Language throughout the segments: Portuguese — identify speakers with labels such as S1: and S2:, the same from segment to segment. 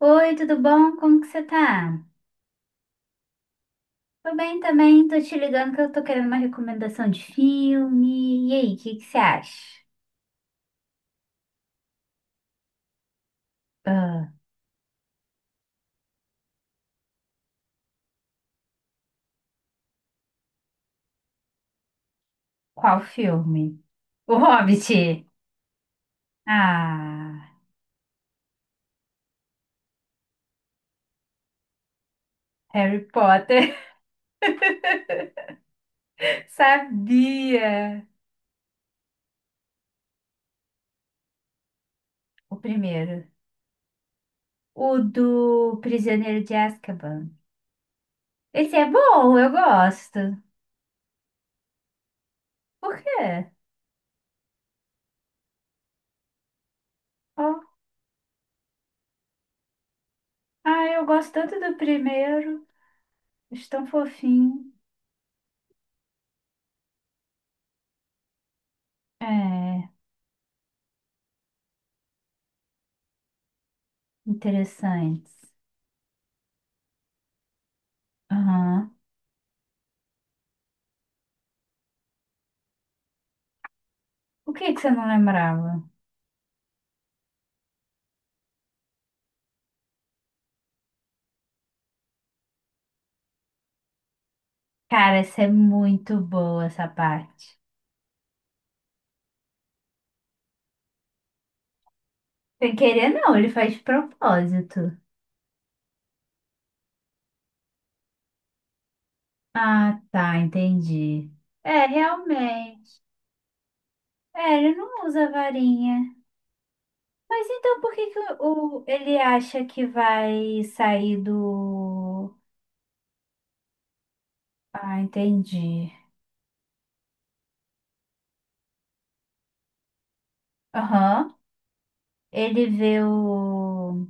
S1: Oi, tudo bom? Como que você tá? Tô bem também, tô te ligando que eu tô querendo uma recomendação de filme. E aí, o que que você acha? Ah, qual filme? O Hobbit. Ah, Harry Potter. Sabia. O primeiro. O do Prisioneiro de Azkaban. Esse é bom, eu gosto. Por quê? Ó, ah, eu gosto tanto do primeiro. Eles tão fofinhos. É, interessantes. Aham. O que que você não lembrava? Cara, essa é muito boa, essa parte. Sem querer, não, ele faz de propósito. Ah, tá, entendi. É, realmente. É, ele não usa varinha. Mas então por que que ele acha que vai sair do. Ah, entendi. Aham. Ele vê o.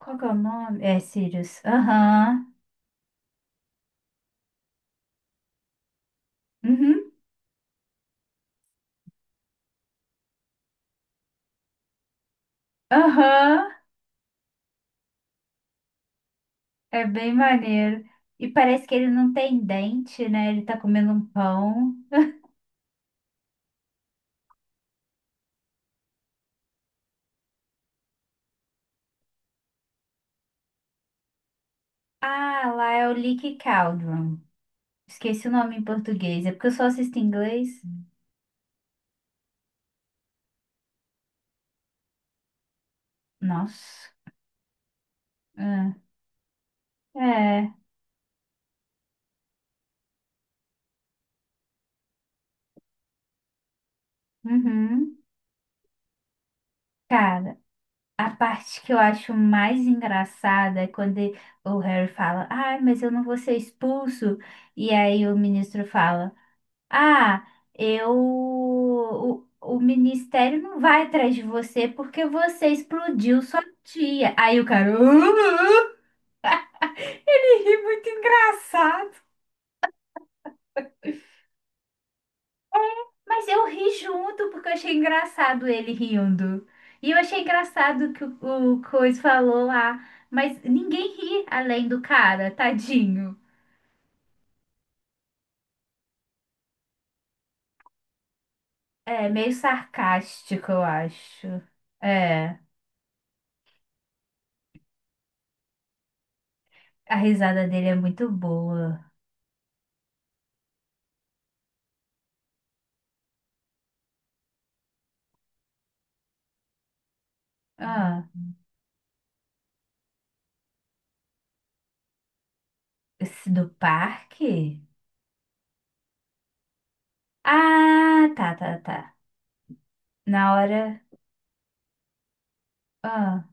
S1: Qual que é o nome? É Sirius. Aham. Uhum. Aham. É bem maneiro. E parece que ele não tem dente, né? Ele tá comendo um pão. Ah, lá é o Leaky Cauldron. Esqueci o nome em português. É porque eu só assisto em inglês. Nossa. É. É. Uhum. Cara, a parte que eu acho mais engraçada é quando o Harry fala: Ai, mas eu não vou ser expulso. E aí o ministro fala. Ah, eu. O ministério não vai atrás de você porque você explodiu sua tia. Aí o cara. "Ah, ah." Ele ri muito engraçado. Mas eu ri junto porque eu achei engraçado ele rindo. E eu achei engraçado que o Coisa falou lá. Mas ninguém ri além do cara, tadinho. É meio sarcástico, eu acho. É, a risada dele é muito boa. Ah, esse do parque? Ah, tá, tá, tá. Na hora. Ah,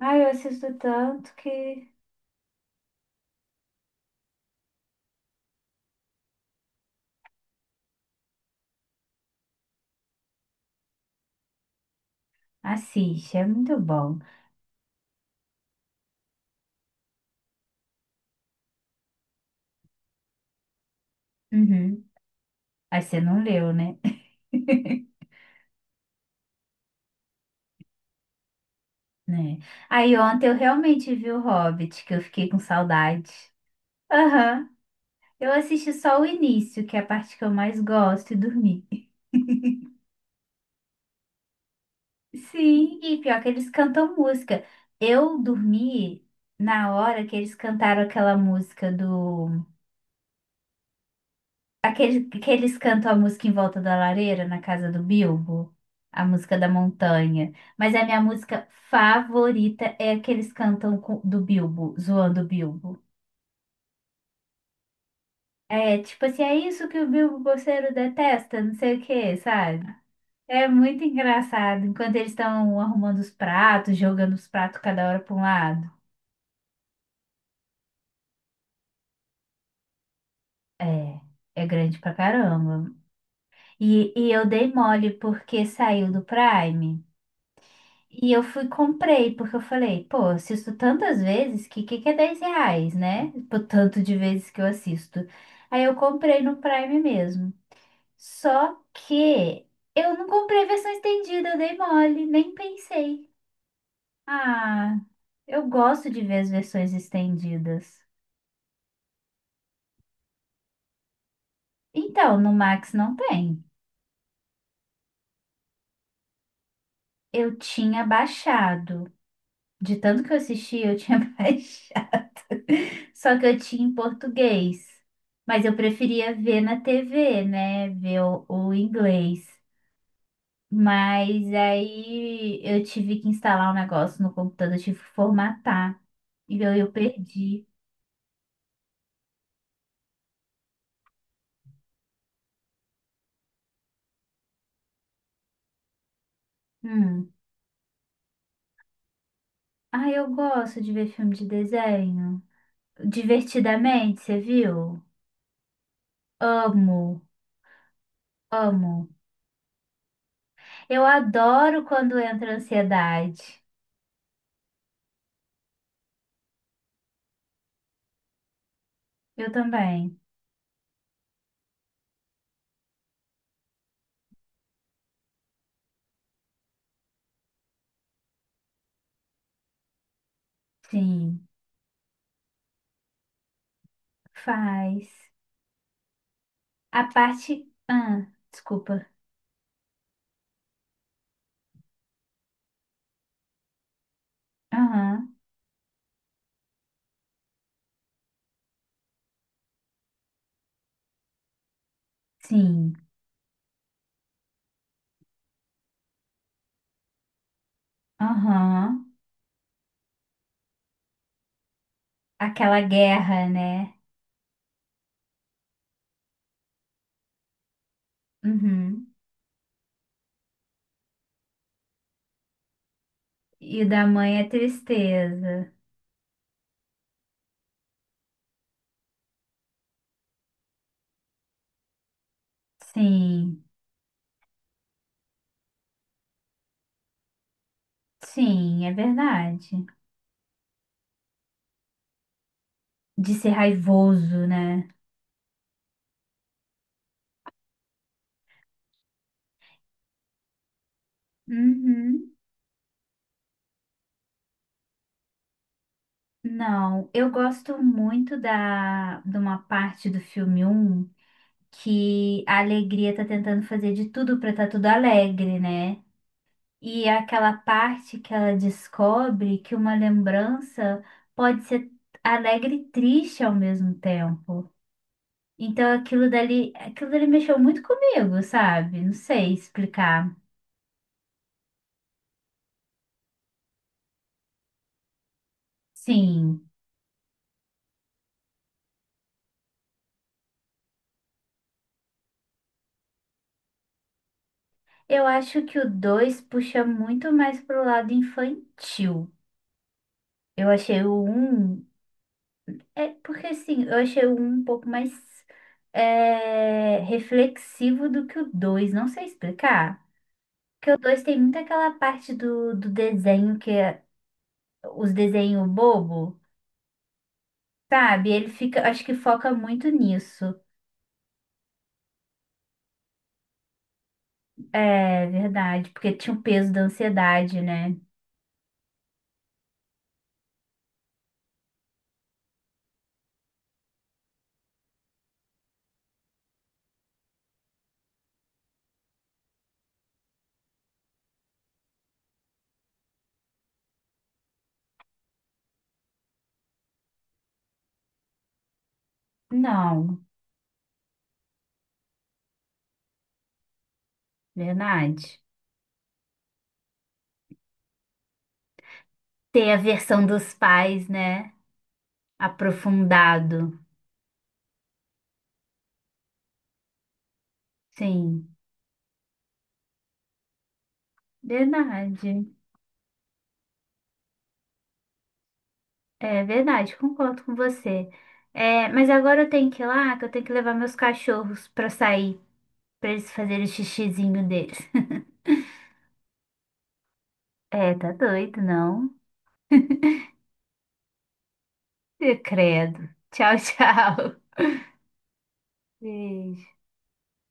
S1: ah, eu assisto tanto que. Assiste, é muito bom. Uhum. Aí você não leu, né? Né? Aí ontem eu realmente vi o Hobbit, que eu fiquei com saudade. Aham. Eu assisti só o início, que é a parte que eu mais gosto, e dormi. Sim, e pior que eles cantam música. Eu dormi na hora que eles cantaram aquela música do aquele, que eles cantam a música em volta da lareira na casa do Bilbo, a música da montanha. Mas a minha música favorita é a que eles cantam do Bilbo, zoando o Bilbo. É tipo assim, é isso que o Bilbo Bolseiro detesta, não sei o que, sabe? É muito engraçado. Enquanto eles estão arrumando os pratos, jogando os pratos cada hora para um lado. É, é grande pra caramba. E eu dei mole porque saiu do Prime. E eu fui, e comprei, porque eu falei, pô, eu assisto tantas vezes que é 10 reais, né? Por tanto de vezes que eu assisto. Aí eu comprei no Prime mesmo. Só que eu não comprei a versão estendida, eu dei mole, nem pensei. Ah, eu gosto de ver as versões estendidas. Então, no Max não tem. Eu tinha baixado. De tanto que eu assisti, eu tinha baixado. Só que eu tinha em português. Mas eu preferia ver na TV, né? Ver o inglês. Mas aí eu tive que instalar um negócio no computador, eu tive que formatar. E eu perdi. Hum. Ah, eu gosto de ver filme de desenho. Divertidamente, você viu? Amo, amo. Eu adoro quando entra ansiedade. Eu também. Sim, faz. A parte. Ah, desculpa. Aham, sim. Aham. Aquela guerra, né? Uhum. E o da mãe é tristeza. Sim, sim, é verdade. De ser raivoso, né? Uhum. Não, eu gosto muito de uma parte do filme um que a alegria tá tentando fazer de tudo pra tá tudo alegre, né? E é aquela parte que ela descobre que uma lembrança pode ser alegre e triste ao mesmo tempo. Então aquilo dali mexeu muito comigo, sabe? Não sei explicar. Sim, eu acho que o 2 puxa muito mais pro lado infantil. Eu achei o um é porque assim, eu achei o um um pouco mais é, reflexivo do que o 2 não sei explicar. Porque o 2 tem muito aquela parte do desenho que é os desenhos bobo, sabe? Ele fica, acho que foca muito nisso. É verdade, porque tinha o peso da ansiedade, né? Não, verdade. Ter a versão dos pais, né? Aprofundado. Sim, verdade. É verdade, concordo com você. É, mas agora eu tenho que ir lá, que eu tenho que levar meus cachorros pra sair, pra eles fazerem o xixizinho deles. É, tá doido, não? Ih, credo. Tchau, tchau. Beijo.